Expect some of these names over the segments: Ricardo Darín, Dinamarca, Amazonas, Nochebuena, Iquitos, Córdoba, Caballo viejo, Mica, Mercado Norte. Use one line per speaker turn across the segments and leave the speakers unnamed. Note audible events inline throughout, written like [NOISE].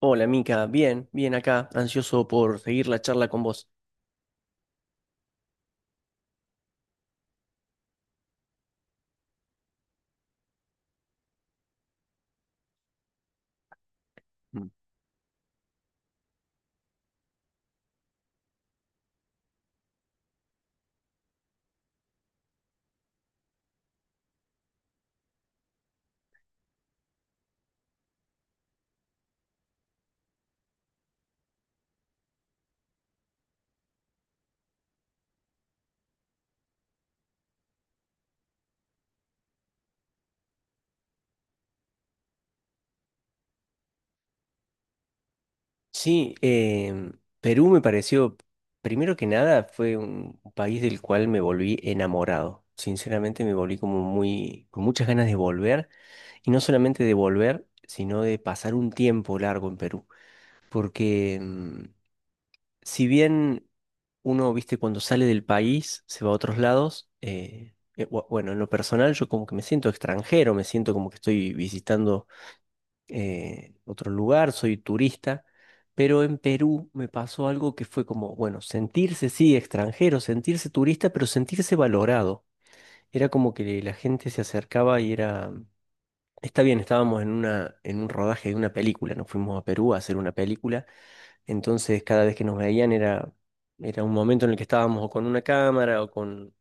Hola, Mica. Bien, bien acá, ansioso por seguir la charla con vos. Mm. Sí, Perú me pareció, primero que nada, fue un país del cual me volví enamorado. Sinceramente me volví como muy, con muchas ganas de volver, y no solamente de volver, sino de pasar un tiempo largo en Perú. Porque si bien uno, viste, cuando sale del país, se va a otros lados, bueno, en lo personal yo como que me siento extranjero, me siento como que estoy visitando otro lugar, soy turista, pero en Perú me pasó algo que fue como, bueno, sentirse, sí, extranjero, sentirse turista, pero sentirse valorado. Era como que la gente se acercaba y era, está bien, estábamos en una, en un rodaje de una película, nos fuimos a Perú a hacer una película, entonces cada vez que nos veían era, era un momento en el que estábamos o con una cámara o con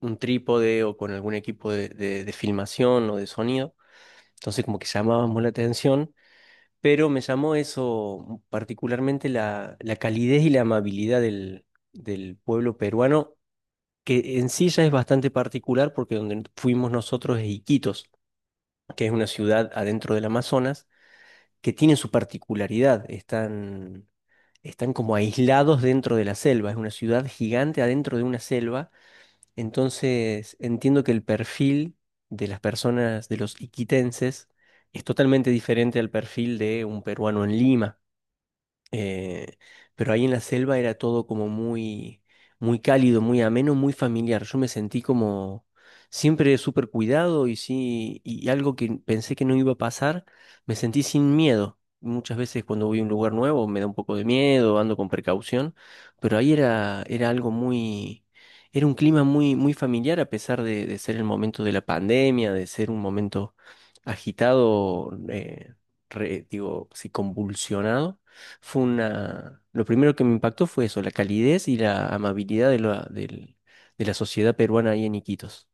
un trípode o con algún equipo de filmación o de sonido, entonces como que llamábamos la atención, pero me llamó eso particularmente la, la calidez y la amabilidad del, del pueblo peruano, que en sí ya es bastante particular porque donde fuimos nosotros es Iquitos, que es una ciudad adentro del Amazonas, que tiene su particularidad, están, están como aislados dentro de la selva, es una ciudad gigante adentro de una selva, entonces entiendo que el perfil de las personas, de los iquitenses, es totalmente diferente al perfil de un peruano en Lima. Eh, pero ahí en la selva era todo como muy, muy cálido, muy ameno, muy familiar. Yo me sentí como siempre súper cuidado y sí, y algo que pensé que no iba a pasar, me sentí sin miedo. Muchas veces cuando voy a un lugar nuevo me da un poco de miedo, ando con precaución, pero ahí era, era algo muy, era un clima muy, muy familiar a pesar de ser el momento de la pandemia, de ser un momento agitado, digo, sí, convulsionado, fue una... Lo primero que me impactó fue eso, la calidez y la amabilidad de la, de la sociedad peruana ahí en Iquitos.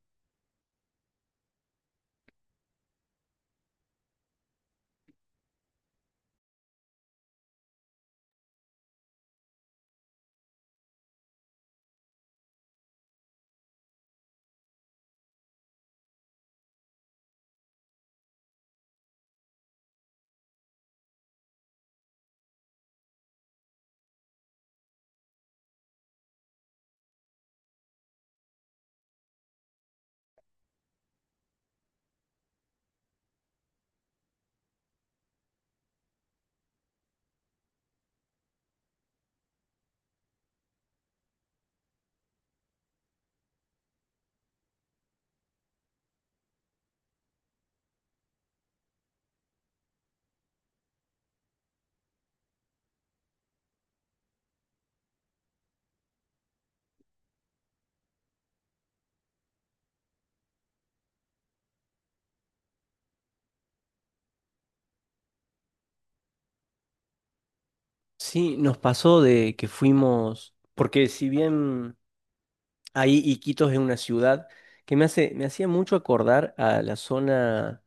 Sí, nos pasó de que fuimos, porque si bien ahí Iquitos es una ciudad que me hace, me hacía mucho acordar a la zona,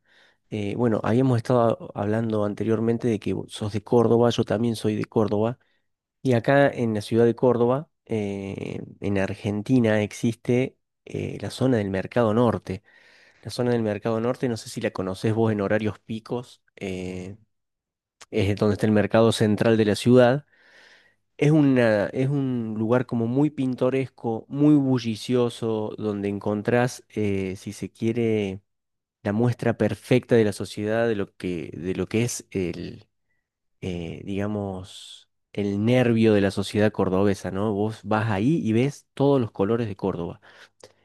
bueno, habíamos estado hablando anteriormente de que vos sos de Córdoba, yo también soy de Córdoba, y acá en la ciudad de Córdoba, en Argentina, existe, la zona del Mercado Norte, la zona del Mercado Norte, no sé si la conocés vos en horarios picos, es donde está el mercado central de la ciudad. Es una, es un lugar como muy pintoresco, muy bullicioso, donde encontrás, si se quiere, la muestra perfecta de la sociedad, de lo que es el, digamos, el nervio de la sociedad cordobesa, ¿no? Vos vas ahí y ves todos los colores de Córdoba.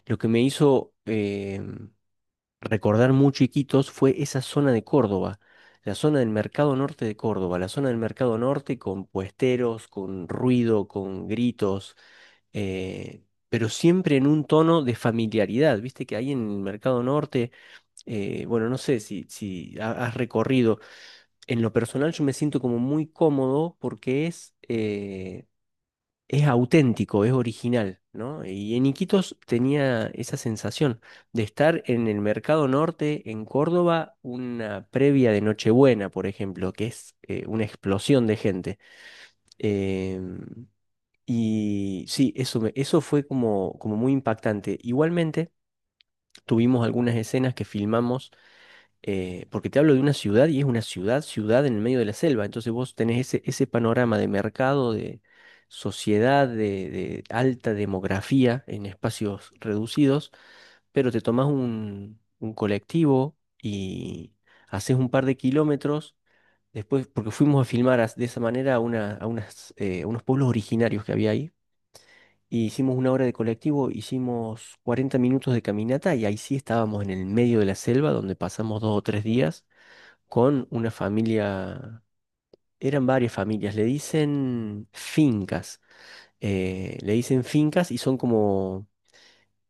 Lo que me hizo... recordar muy chiquitos fue esa zona de Córdoba, la zona del Mercado Norte de Córdoba, la zona del Mercado Norte con puesteros, con ruido, con gritos, pero siempre en un tono de familiaridad. Viste que ahí en el Mercado Norte, bueno, no sé si, has recorrido, en lo personal yo me siento como muy cómodo porque es auténtico, es original, ¿no? Y en Iquitos tenía esa sensación de estar en el Mercado Norte, en Córdoba, una previa de Nochebuena, por ejemplo, que es, una explosión de gente. Em, y sí, eso, eso fue como, como muy impactante. Igualmente, tuvimos algunas escenas que filmamos, porque te hablo de una ciudad y es una ciudad, ciudad en el medio de la selva. Entonces vos tenés ese, ese panorama de mercado, de sociedad, de alta demografía en espacios reducidos, pero te tomás un colectivo y haces un par de kilómetros. Después, porque fuimos a filmar de esa manera a, a unas, a unos pueblos originarios que había ahí. Y hicimos una hora de colectivo, hicimos 40 minutos de caminata y ahí sí estábamos en el medio de la selva donde pasamos dos o tres días con una familia, eran varias familias, le dicen fincas y son como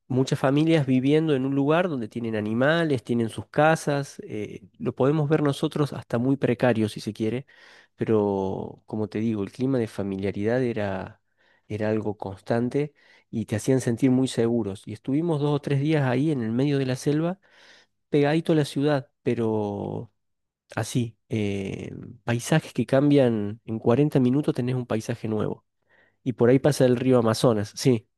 muchas familias viviendo en un lugar donde tienen animales, tienen sus casas, lo podemos ver nosotros hasta muy precario si se quiere, pero como te digo, el clima de familiaridad era, era algo constante y te hacían sentir muy seguros. Y estuvimos dos o tres días ahí en el medio de la selva, pegadito a la ciudad, pero... Así, paisajes que cambian, en 40 minutos tenés un paisaje nuevo. Y por ahí pasa el río Amazonas, sí.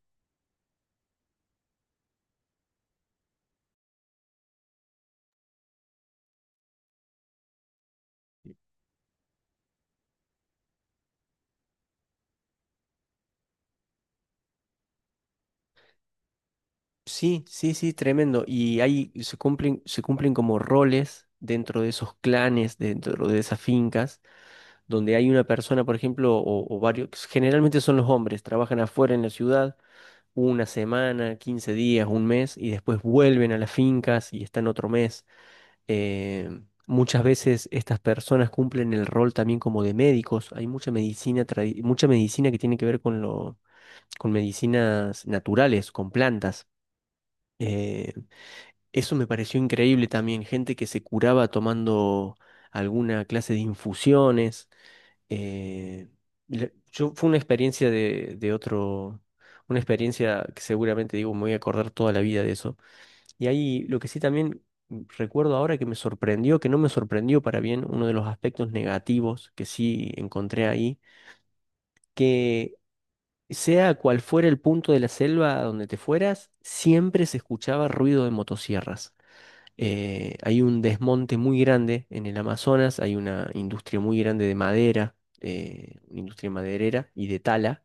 Sí, sí, sí, tremendo. Y ahí se cumplen como roles dentro de esos clanes, dentro de esas fincas, donde hay una persona, por ejemplo, o varios, generalmente son los hombres, trabajan afuera en la ciudad una semana, 15 días, un mes, y después vuelven a las fincas y están otro mes. Eh, Muchas veces estas personas cumplen el rol también como de médicos. Hay mucha medicina, mucha medicina que tiene que ver con lo, con medicinas naturales, con plantas. Eh, Eso me pareció increíble también, gente que se curaba tomando alguna clase de infusiones. eh, yo, fue una experiencia de otro, una experiencia que seguramente digo, me voy a acordar toda la vida de eso. Y ahí lo que sí también recuerdo ahora que me sorprendió, que no me sorprendió para bien, uno de los aspectos negativos que sí encontré ahí, que sea cual fuera el punto de la selva a donde te fueras, siempre se escuchaba ruido de motosierras. Hay un desmonte muy grande en el Amazonas, hay una industria muy grande de madera, una industria maderera y de tala,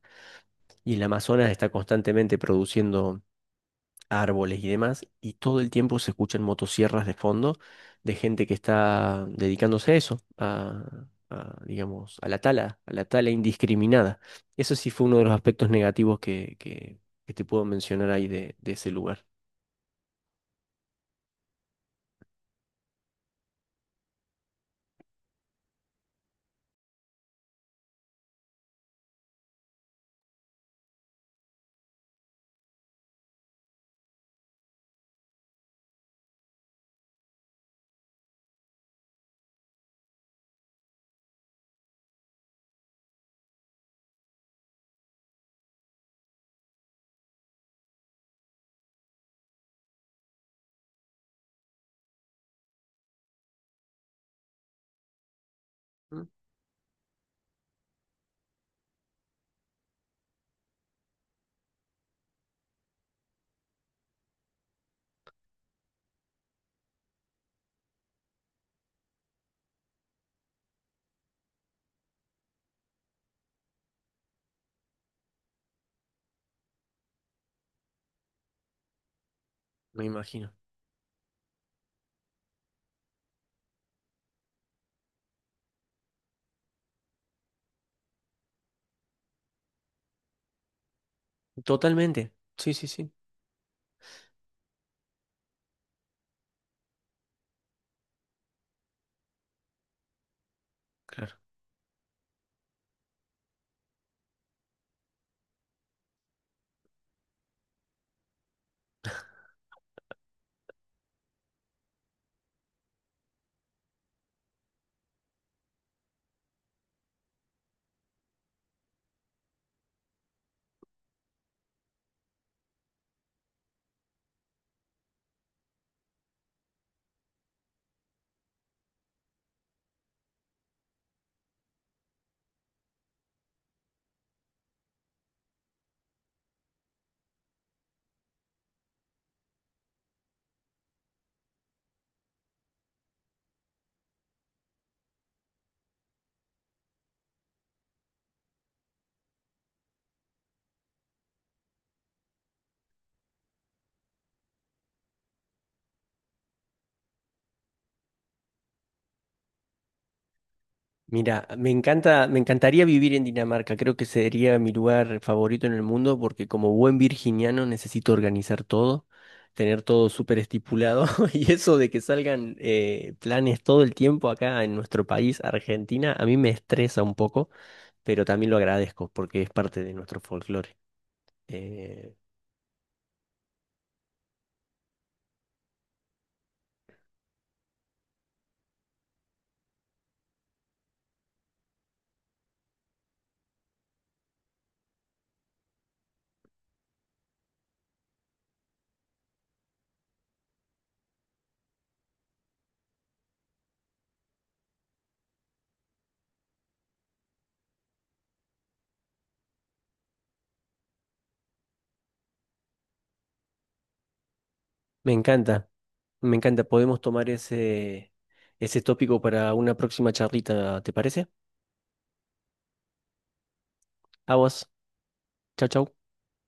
y el Amazonas está constantemente produciendo árboles y demás, y todo el tiempo se escuchan motosierras de fondo de gente que está dedicándose a eso, a, digamos, a la tala indiscriminada. Eso sí fue uno de los aspectos negativos que te puedo mencionar ahí de ese lugar. Me imagino. Totalmente, sí, sí, sí. Claro. Mira, me encanta, me encantaría vivir en Dinamarca. Creo que sería mi lugar favorito en el mundo porque como buen virginiano necesito organizar todo, tener todo súper estipulado [LAUGHS] y eso de que salgan, planes todo el tiempo acá en nuestro país, Argentina, a mí me estresa un poco, pero también lo agradezco porque es parte de nuestro folclore. Eh, Me encanta, me encanta. Podemos tomar ese, ese tópico para una próxima charlita, ¿te parece? Aguas, chau, chau.